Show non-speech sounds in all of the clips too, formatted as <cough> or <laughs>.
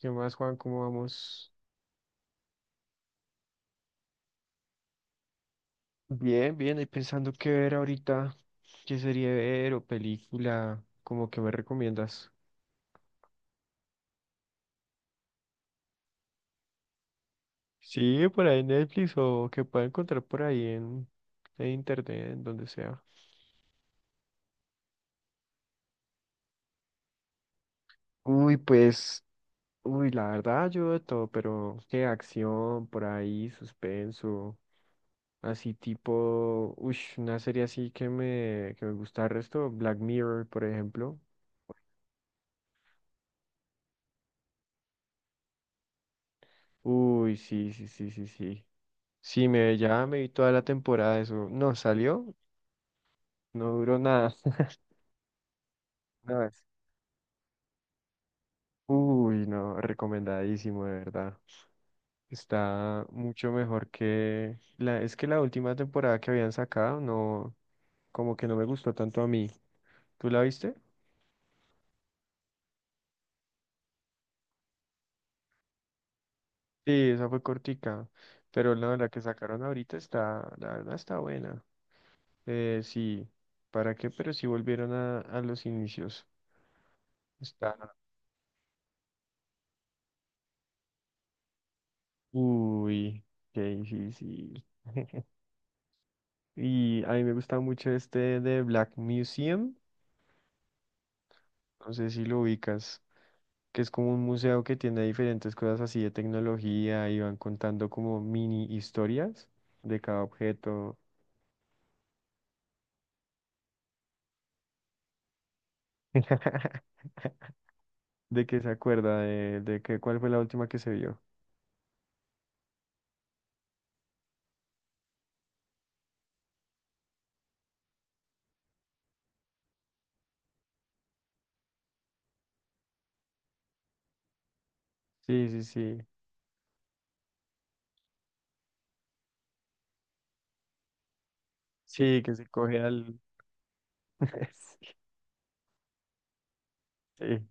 ¿Qué más, Juan? ¿Cómo vamos? Bien, bien, ahí pensando qué ver ahorita, qué serie ver o película, como que me recomiendas. Sí, por ahí en Netflix o que pueda encontrar por ahí en internet, en donde sea. Uy, pues, uy, la verdad yo de todo, pero qué acción por ahí, suspenso, así tipo, uy, una serie así que me gusta el resto, Black Mirror, por ejemplo. Uy, sí, sí, sí, sí, sí. Sí, ya me vi toda la temporada de eso. No salió, no duró nada. <laughs> No, uy, no, recomendadísimo, de verdad. Está mucho mejor que es que la última temporada que habían sacado, no, como que no me gustó tanto a mí. ¿Tú la viste? Sí, esa fue cortica, pero no, la que sacaron ahorita está, la verdad está buena. Sí, ¿para qué? Pero sí volvieron a los inicios. Está, uy, qué difícil. <laughs> Y a mí me gusta mucho este de Black Museum, no sé si lo ubicas, que es como un museo que tiene diferentes cosas así de tecnología y van contando como mini historias de cada objeto. <laughs> ¿De qué se acuerda, cuál fue la última que se vio? Sí, sí, sí. Sí, que se coge al... <laughs> Sí.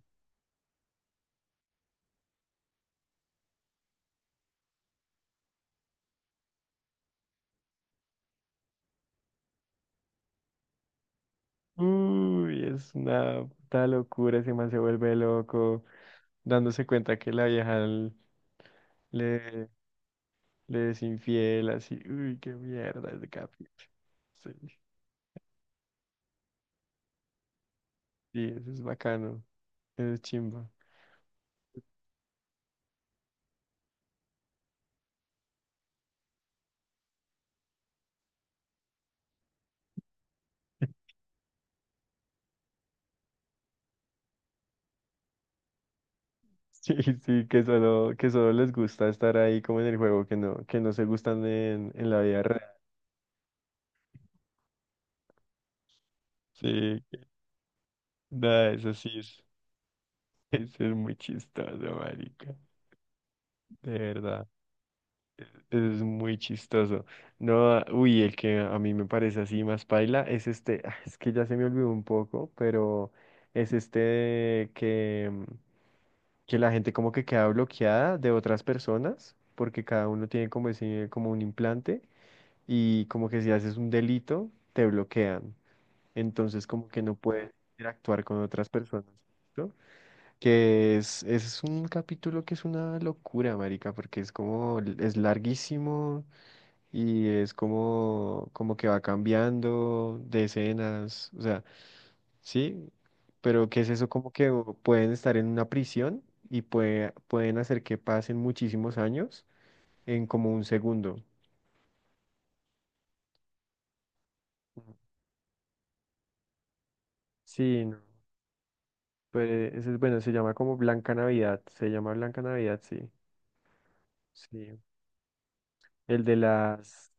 Uy, es una puta locura, ese man se vuelve loco, dándose cuenta que la vieja le, le es infiel, así. Uy, qué mierda ese capítulo. Sí, sí, eso es bacano. Eso es chimba. <laughs> Sí, sí, que solo les gusta estar ahí como en el juego, que no se gustan en la vida real. Sí, nada, eso sí es, <laughs> eso es muy chistoso, marica. De verdad, eso es muy chistoso. No, ah, uy, el que a mí me parece así más paila es este, ah, es que ya se me olvidó un poco, pero es este que la gente como que queda bloqueada de otras personas, porque cada uno tiene como ese, como un implante, y como que si haces un delito, te bloquean. Entonces como que no puedes interactuar con otras personas, ¿no? Que es un capítulo que es una locura, marica, porque es como, es larguísimo y es como, como que va cambiando de escenas, o sea. Sí, pero ¿qué es eso? Como que pueden estar en una prisión y pueden hacer que pasen muchísimos años en como un segundo. Ujú. Sí, no. Pues ese es bueno, se llama como Blanca Navidad. Se llama Blanca Navidad, sí. Sí. El de las.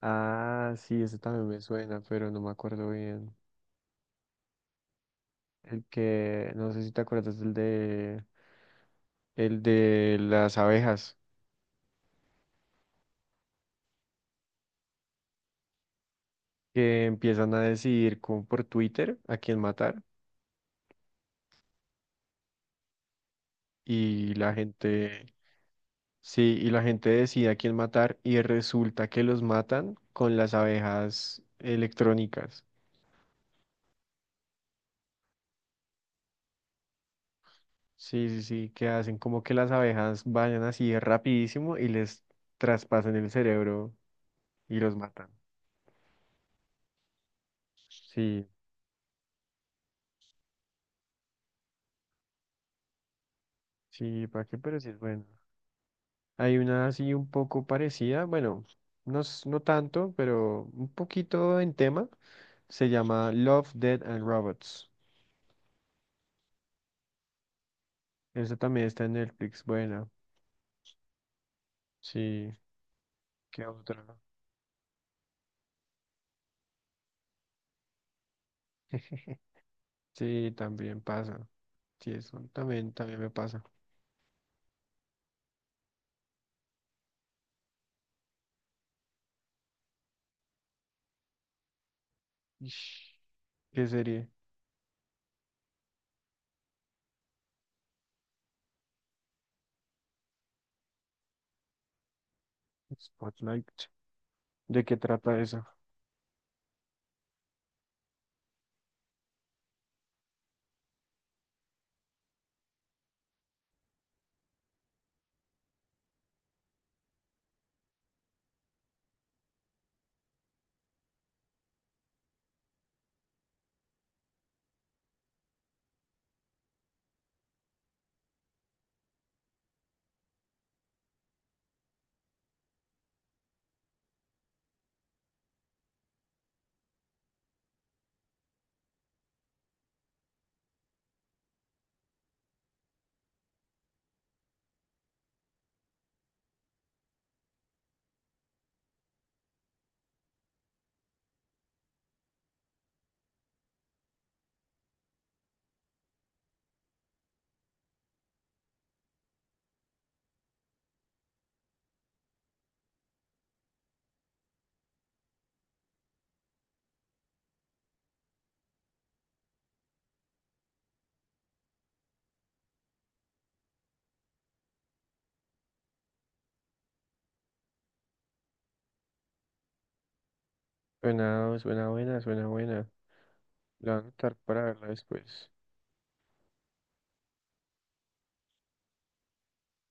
Ah, sí, ese también me suena, pero no me acuerdo bien. El que, no sé si te acuerdas, el de. El de las abejas que empiezan a decidir como por Twitter a quién matar y la gente. Sí, y la gente decide a quién matar y resulta que los matan con las abejas electrónicas. Sí, sí, sí, que hacen como que las abejas vayan así rapidísimo y les traspasan el cerebro y los matan. Sí, sí, ¿para qué? Pero sí es bueno. Hay una así un poco parecida, bueno, no, no tanto, pero un poquito en tema. Se llama Love, Dead and Robots. Esa también está en Netflix, buena. Sí, ¿qué otra? <laughs> Sí, también pasa. Sí, eso también, también me pasa. Ish, ¿qué serie? Spotlight. ¿De qué trata eso? Suena, suena buena, suena buena. La voy a anotar para verla después.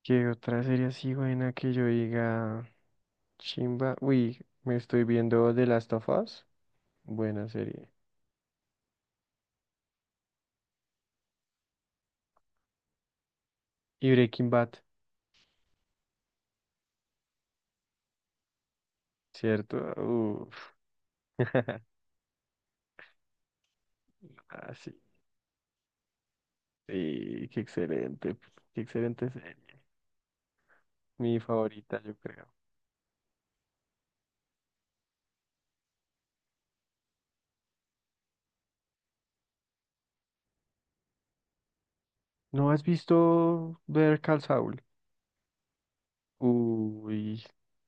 ¿Qué otra serie así buena que yo diga? Chimba. Uy, me estoy viendo The Last of Us. Buena serie. Y Breaking Bad, ¿cierto? Uf. <laughs> Ah, sí. Sí, qué excelente. Qué excelente serie. Mi favorita, yo creo. ¿No has visto ver Call Saul? Uy,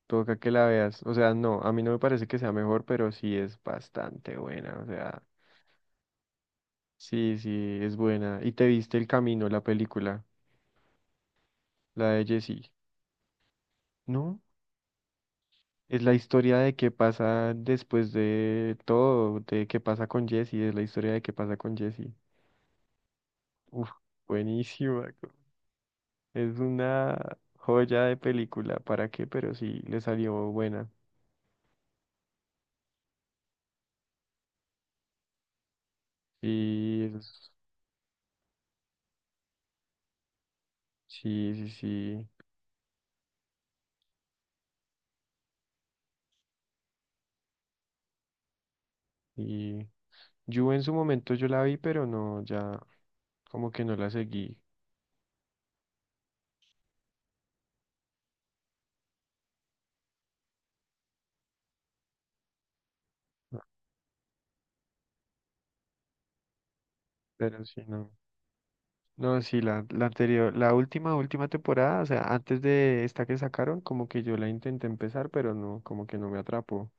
toca que la veas. O sea, no, a mí no me parece que sea mejor, pero sí es bastante buena. O sea, sí, sí, es buena. ¿Y te viste El Camino, la película? La de Jesse. ¿No? Es la historia de qué pasa después de todo, de qué pasa con Jesse, es la historia de qué pasa con Jesse. Uf, buenísima. Es una joya de película, ¿para qué? Pero sí, le salió buena. Y sí, sí, sí. Y yo en su momento yo la vi, pero no, ya como que no la seguí. Ah, pero sí, no. No, sí, la anterior, última temporada, o sea, antes de esta que sacaron, como que yo la intenté empezar, pero no, como que no me atrapó.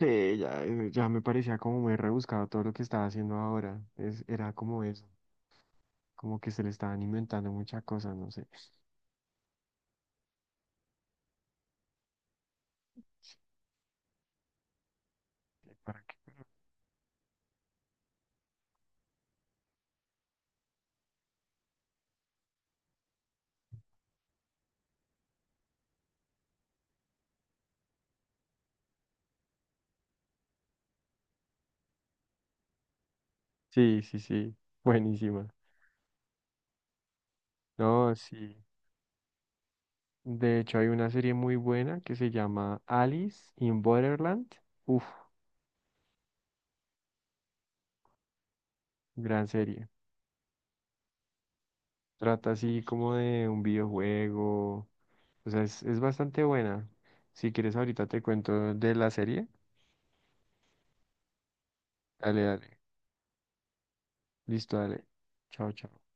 Sí, ya, ya me parecía como muy rebuscado todo lo que estaba haciendo ahora. Es, era como eso, como que se le estaban inventando muchas cosas, no sé. ¿Para qué? Sí, sí, sí, buenísima. No, sí. De hecho, hay una serie muy buena que se llama Alice in Borderland. Uf, gran serie. Trata así como de un videojuego. O sea, es bastante buena. Si quieres, ahorita te cuento de la serie. Dale, dale. Listo, dale. Chao, chao.